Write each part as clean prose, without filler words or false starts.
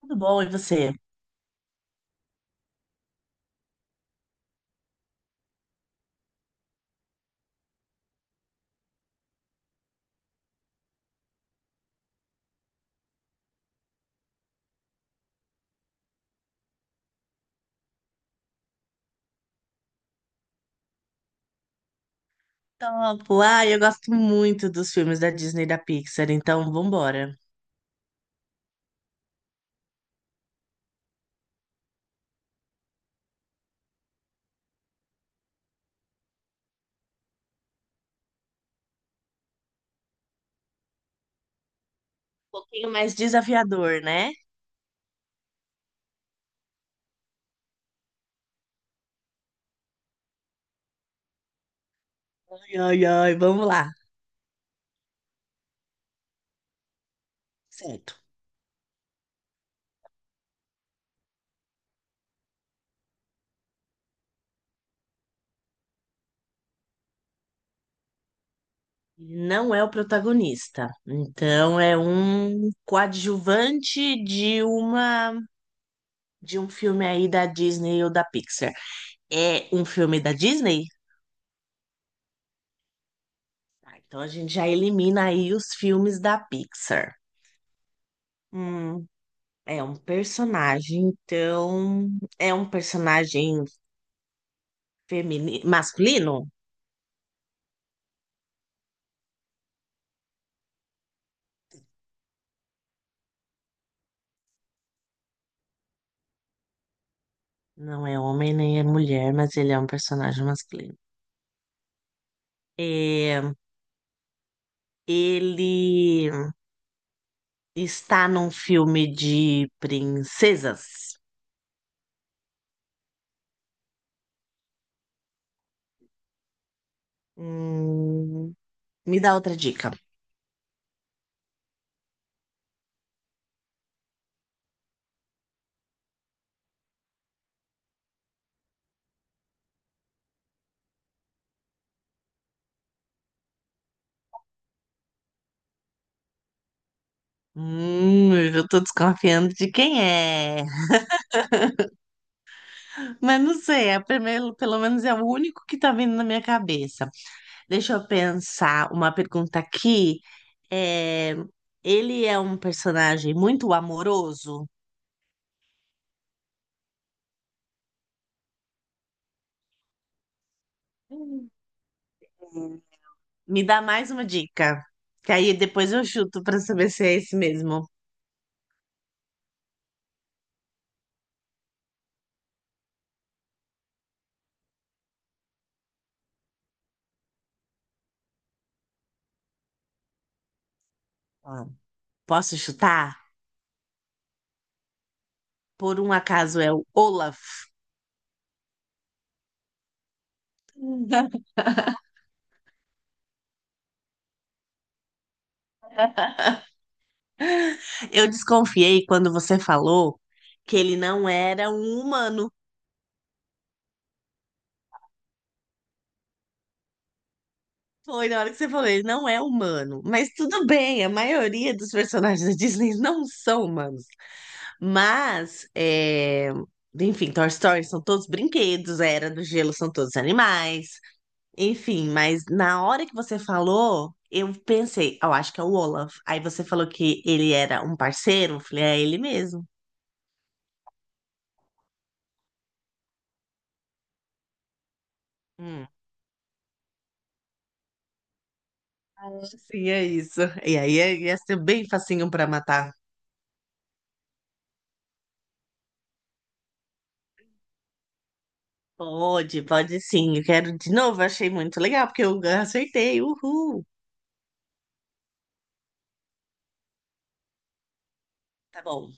Tudo bom, e você? Topo. Eu gosto muito dos filmes da Disney e da Pixar, então vambora. Um pouquinho mais desafiador, né? Ai, ai, ai, vamos lá. Certo. Não é o protagonista, então é um coadjuvante de um filme aí da Disney ou da Pixar. É um filme da Disney? Tá, então a gente já elimina aí os filmes da Pixar. Hum, é um personagem, então é um personagem feminino, masculino? Não é homem nem é mulher, mas ele é um personagem masculino. É, Ele está num filme de princesas. Hum, me dá outra dica. Eu tô desconfiando de quem é. Mas não sei, primeiro, pelo menos é o único que tá vindo na minha cabeça. Deixa eu pensar uma pergunta aqui. É, Ele é um personagem muito amoroso? Hum. Me dá mais uma dica, que aí depois eu chuto pra saber se é esse mesmo. Ah. Posso chutar? Por um acaso é o Olaf. Eu desconfiei quando você falou que ele não era um humano. Foi na hora que você falou, ele não é humano. Mas tudo bem, a maioria dos personagens da Disney não são humanos. Mas, é, Enfim, Toy Story são todos brinquedos, a Era do Gelo são todos animais. Enfim, mas na hora que você falou, eu pensei, eu acho que é o Olaf. Aí você falou que ele era um parceiro, eu falei, é ele mesmo. Hum. Sim, é isso. E aí ia ser bem facinho pra matar. Pode, pode sim. Eu quero de novo, eu achei muito legal, porque eu acertei. Uhul. Tá bom.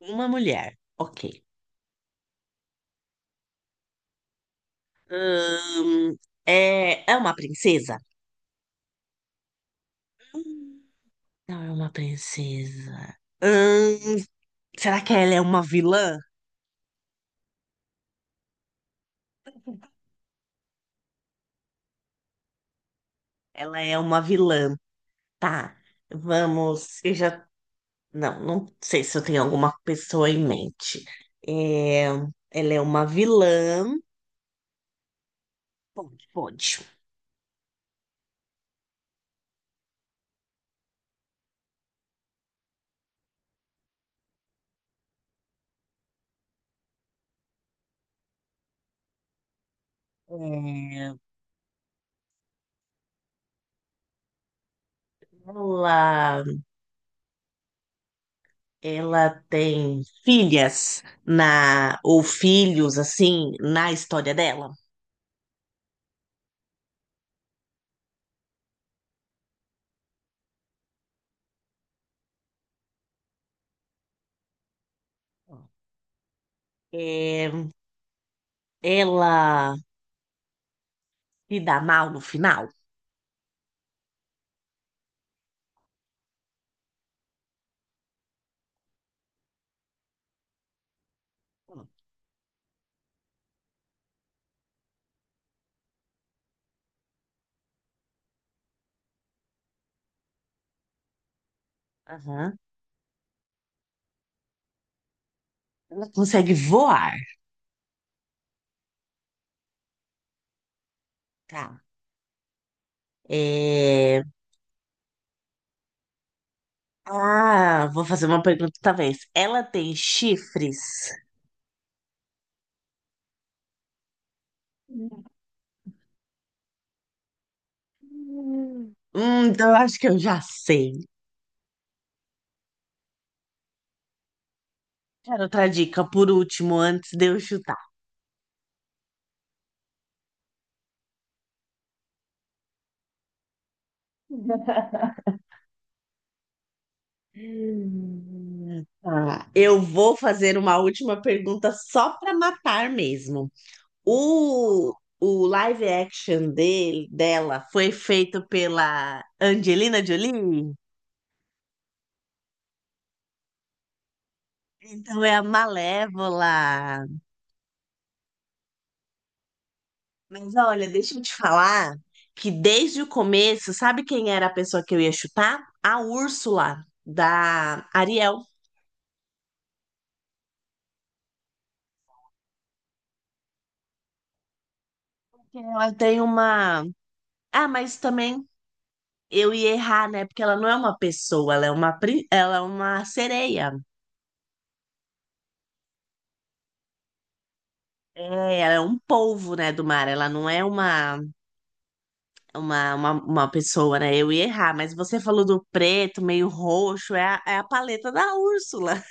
Uma mulher. Ok. Hum, é, é uma princesa? Hum, Não é uma princesa. Hum, será que ela é uma vilã? Ela é uma vilã. Tá, vamos. Eu já. Não, não sei se eu tenho alguma pessoa em mente. É, Ela é uma vilã. Pode, pode. É, ela, Ela tem filhas na, ou filhos, assim, na história dela. É, Ela se dá mal no final. Aham. Ela consegue voar. Tá. É, Ah, vou fazer uma pergunta talvez. Ela tem chifres? Hum. Então eu acho que eu já sei. Quero outra dica por último, antes de eu chutar. Tá. Eu vou fazer uma última pergunta só para matar mesmo. O, o live action dele, dela foi feito pela Angelina Jolie? Então é a Malévola. Mas olha, deixa eu te falar que desde o começo, sabe quem era a pessoa que eu ia chutar? A Úrsula, da Ariel. Ela tem uma. Ah, mas também eu ia errar, né? Porque ela não é uma pessoa, ela é uma, ela é uma sereia. É, ela é um polvo, né, do mar. Ela não é uma pessoa, né? Eu ia errar, mas você falou do preto, meio roxo, é a, é a paleta da Úrsula.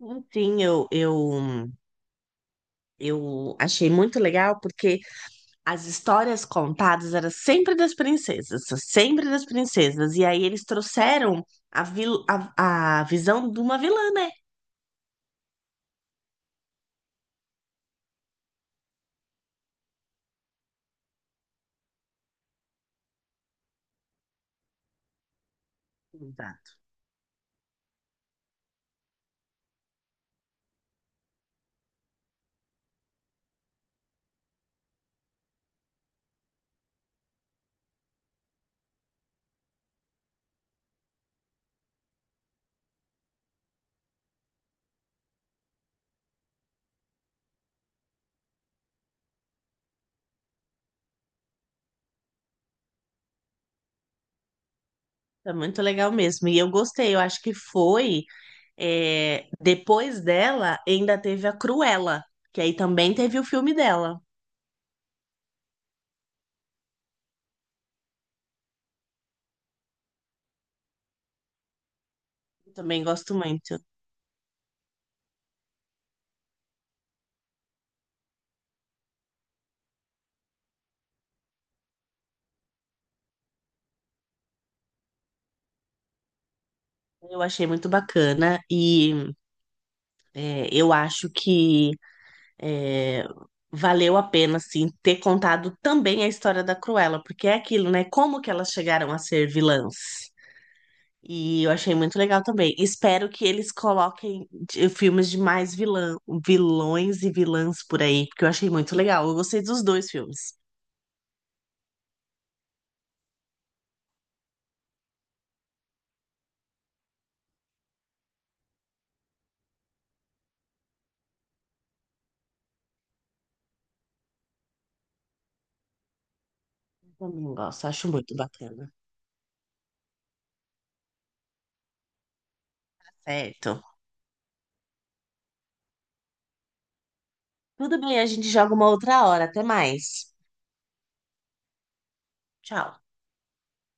Enfim, eu, eu, eu achei muito legal porque. As histórias contadas eram sempre das princesas, sempre das princesas. E aí eles trouxeram a visão de uma vilã, né? Exato. É muito legal mesmo. E eu gostei, eu acho que foi. É, depois dela, ainda teve a Cruella, que aí também teve o filme dela. Eu também gosto muito. Eu achei muito bacana. Eu acho que é, valeu a pena, sim, ter contado também a história da Cruella, porque é aquilo, né? Como que elas chegaram a ser vilãs? E eu achei muito legal também. Espero que eles coloquem filmes de mais vilã, vilões e vilãs por aí, porque eu achei muito legal. Eu gostei dos dois filmes. Eu também gosto, acho muito bacana. Certo. Tudo bem, a gente joga uma outra hora. Até mais. Tchau.